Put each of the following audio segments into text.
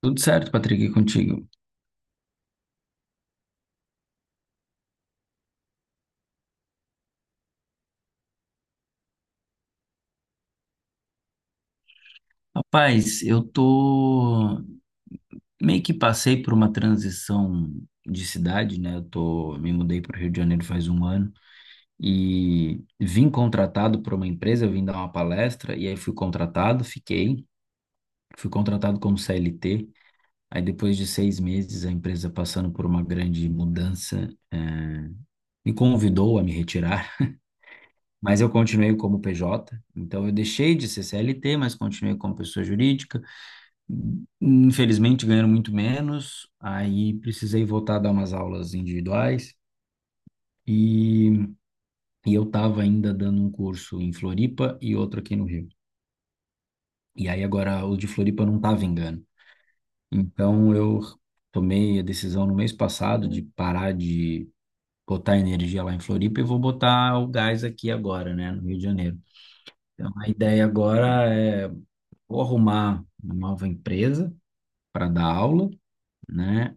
Tudo certo, Patrick, e contigo? Rapaz, eu tô meio que passei por uma transição de cidade, né? Eu tô me mudei para o Rio de Janeiro faz um ano e vim contratado por uma empresa, eu vim dar uma palestra e aí fui contratado, fiquei, fui contratado como CLT. Aí depois de 6 meses, a empresa passando por uma grande mudança, me convidou a me retirar, mas eu continuei como PJ. Então eu deixei de ser CLT, mas continuei como pessoa jurídica. Infelizmente, ganhando muito menos, aí precisei voltar a dar umas aulas individuais e, e eu estava ainda dando um curso em Floripa e outro aqui no Rio. E aí agora o de Floripa não tá vingando. Então eu tomei a decisão no mês passado de parar de botar energia lá em Floripa e vou botar o gás aqui agora, né, no Rio de Janeiro. Então a ideia agora é vou arrumar uma nova empresa para dar aula, né?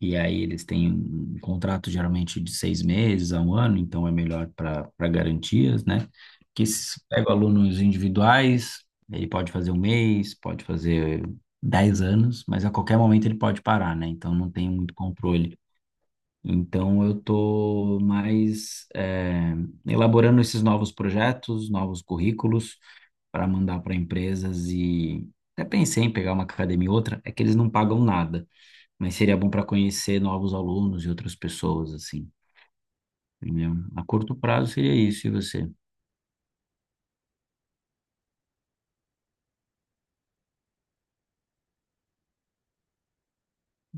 E aí eles têm um contrato geralmente de 6 meses a um ano, então é melhor para garantias, né? Que se pega alunos individuais, ele pode fazer um mês, pode fazer 10 anos, mas a qualquer momento ele pode parar, né? Então não tem muito controle. Então eu tô mais elaborando esses novos projetos, novos currículos para mandar para empresas e até pensei em pegar uma academia e outra, é que eles não pagam nada, mas seria bom para conhecer novos alunos e outras pessoas, assim, entendeu? A curto prazo seria isso, e você?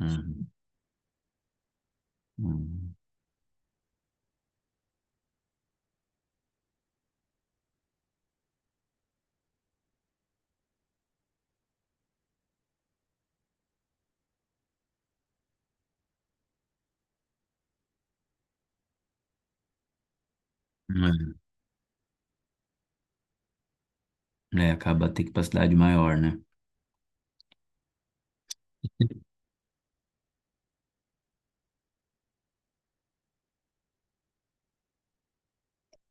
Uhum. Uhum. É, acaba ter capacidade maior, né?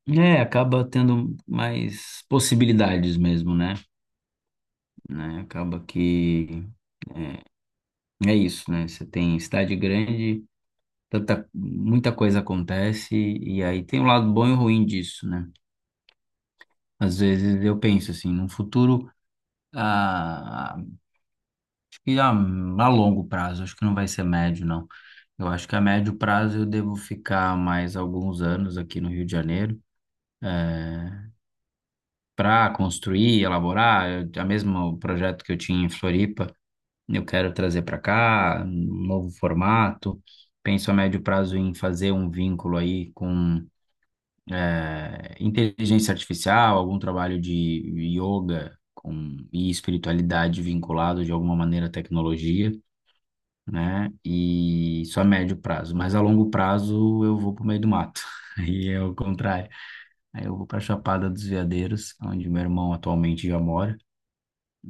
É, acaba tendo mais possibilidades mesmo, né? Né? Acaba que é, é isso, né? Você tem cidade grande, tanta, muita coisa acontece, e aí tem um lado bom e ruim disso, né? Às vezes eu penso assim, no futuro, a e a longo prazo, acho que não vai ser médio, não. Eu acho que a médio prazo eu devo ficar mais alguns anos aqui no Rio de Janeiro para construir, elaborar. Eu, a mesmo projeto que eu tinha em Floripa, eu quero trazer para cá, um novo formato. Penso a médio prazo em fazer um vínculo aí com inteligência artificial, algum trabalho de yoga com, e espiritualidade vinculado de alguma maneira à tecnologia. Né? E só a médio prazo, mas a longo prazo eu vou pro meio do mato. Aí é o contrário. Aí eu vou pra Chapada dos Veadeiros, onde meu irmão atualmente já mora,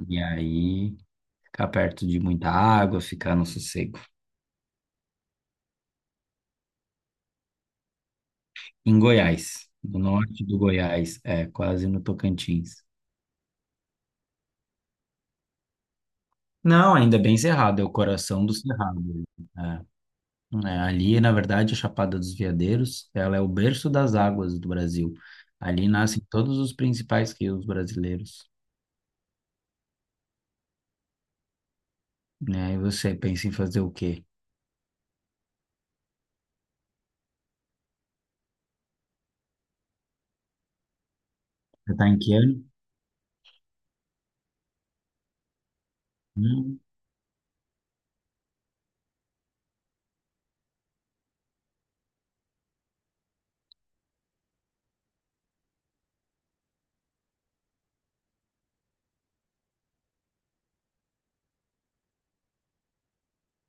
e aí ficar perto de muita água, ficar no sossego. Em Goiás, no norte do Goiás, é quase no Tocantins. Não, ainda é bem cerrado, é o coração do cerrado. Né? É. É, ali, na verdade, a Chapada dos Veadeiros, ela é o berço das águas do Brasil. Ali nascem todos os principais rios brasileiros. Né? E você pensa em fazer o quê? Você tá em que ano? Hum.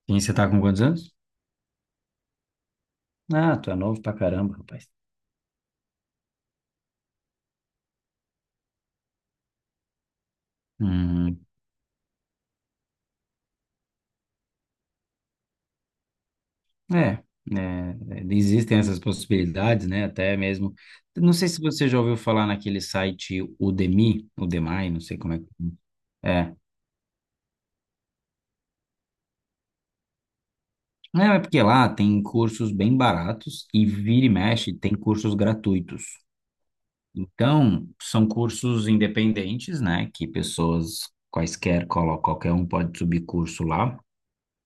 E você tá com quantos anos? Ah, tu é novo pra caramba, rapaz. Uhum. É, né, existem essas possibilidades, né? Até mesmo. Não sei se você já ouviu falar naquele site Udemy, não sei como é que. É. Não, é porque lá tem cursos bem baratos e vira e mexe tem cursos gratuitos. Então, são cursos independentes, né? Que pessoas quaisquer, qualquer um pode subir curso lá.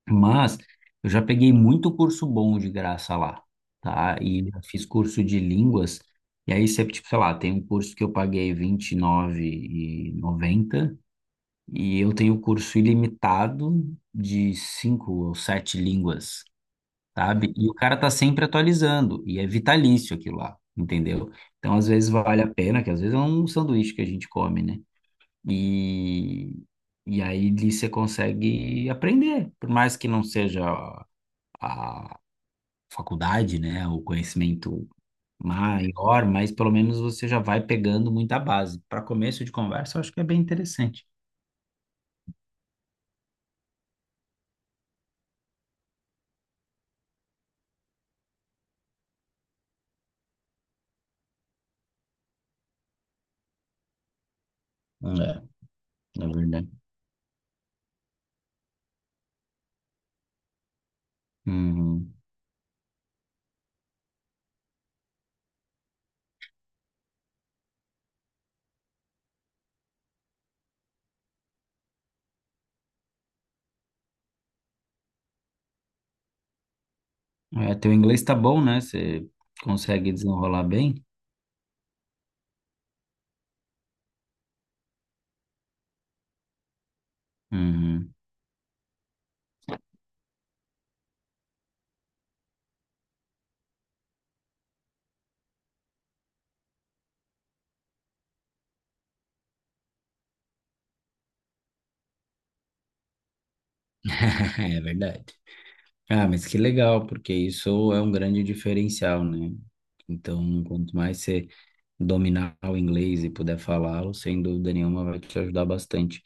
Mas eu já peguei muito curso bom de graça lá, tá? E já fiz curso de línguas. E aí sempre, tipo, sei lá, tem um curso que eu paguei R 29,90 e nove e noventa e eu tenho curso ilimitado de 5 ou 7 línguas, sabe? E o cara tá sempre atualizando e é vitalício aquilo lá, entendeu? Então, às vezes vale a pena, que às vezes é um sanduíche que a gente come, né? E, e aí ali você consegue aprender, por mais que não seja a faculdade, né, o conhecimento maior, mas pelo menos você já vai pegando muita base. Para começo de conversa, eu acho que é bem interessante. É, na verdade. Uhum. É, teu inglês tá bom, né? Você consegue desenrolar bem? Uhum. É verdade. Ah, mas que legal, porque isso é um grande diferencial, né? Então, quanto mais você dominar o inglês e puder falá-lo, sem dúvida nenhuma vai te ajudar bastante.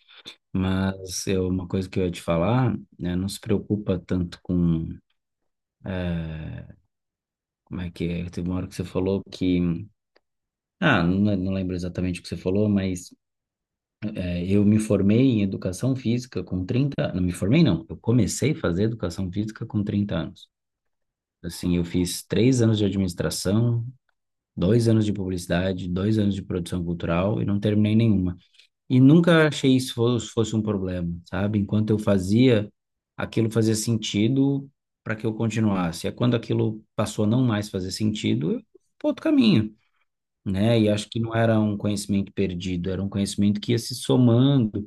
Mas é uma coisa que eu ia te falar, né, não se preocupa tanto com, eh, como é que é? Teve uma hora que você falou que, ah, não, não lembro exatamente o que você falou, mas eu me formei em educação física com 30, não me formei não, eu comecei a fazer educação física com 30 anos. Assim, eu fiz 3 anos de administração, 2 anos de publicidade, 2 anos de produção cultural e não terminei nenhuma. E nunca achei isso fosse um problema, sabe? Enquanto eu fazia, aquilo fazia sentido para que eu continuasse. É quando aquilo passou a não mais fazer sentido, eu fui para outro caminho, né? E acho que não era um conhecimento perdido, era um conhecimento que ia se somando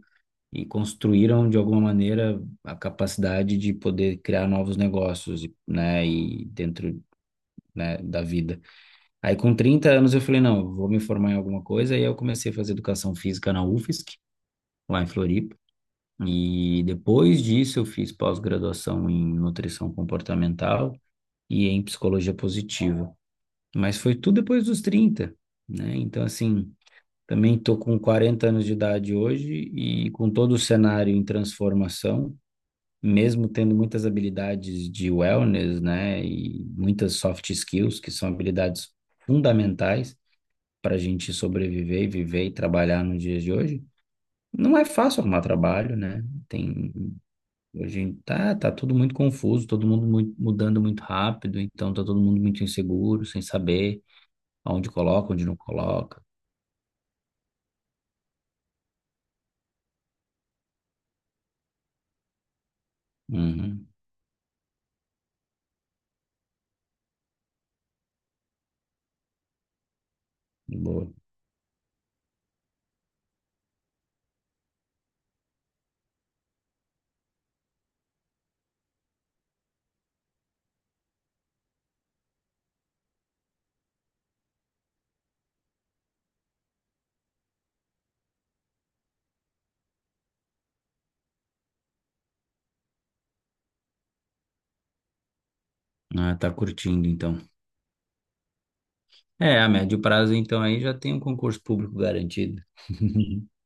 e construíram de alguma maneira a capacidade de poder criar novos negócios, né? E dentro, né, da vida. Aí com 30 anos eu falei, não, vou me formar em alguma coisa, e aí eu comecei a fazer educação física na UFSC, lá em Floripa, e depois disso eu fiz pós-graduação em nutrição comportamental e em psicologia positiva. Mas foi tudo depois dos 30, né? Então, assim, também estou com 40 anos de idade hoje e com todo o cenário em transformação, mesmo tendo muitas habilidades de wellness, né? E muitas soft skills, que são habilidades fundamentais para a gente sobreviver, viver e trabalhar nos dias de hoje. Não é fácil arrumar trabalho, né? Tem Hoje tá tudo muito confuso, todo mundo mudando muito rápido, então tá todo mundo muito inseguro, sem saber aonde coloca, onde não coloca. Uhum, boa. Ah, tá curtindo então. É, a médio prazo então aí já tem um concurso público garantido.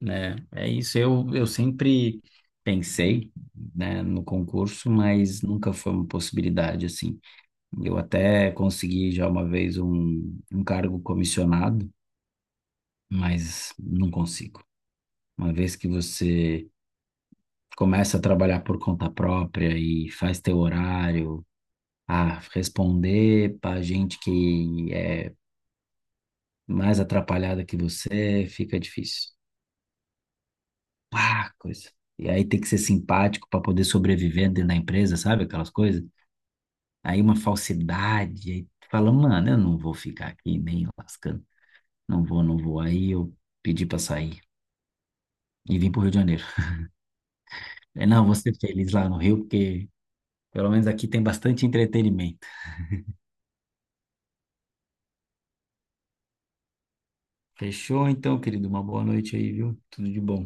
Né, é isso, eu sempre pensei, né, no concurso, mas nunca foi uma possibilidade assim. Eu até consegui já uma vez um cargo comissionado, mas não consigo. Uma vez que você começa a trabalhar por conta própria e faz teu horário, a responder para gente que é mais atrapalhada que você, fica difícil. Ah, coisa. E aí tem que ser simpático para poder sobreviver dentro da empresa, sabe? Aquelas coisas. Aí uma falsidade, aí tu fala, mano, eu não vou ficar aqui nem lascando. Não vou, não vou. Aí eu pedi para sair e vim pro Rio de Janeiro. Falei, não, vou ser feliz lá no Rio, porque pelo menos aqui tem bastante entretenimento. Fechou então, querido? Uma boa noite aí, viu? Tudo de bom.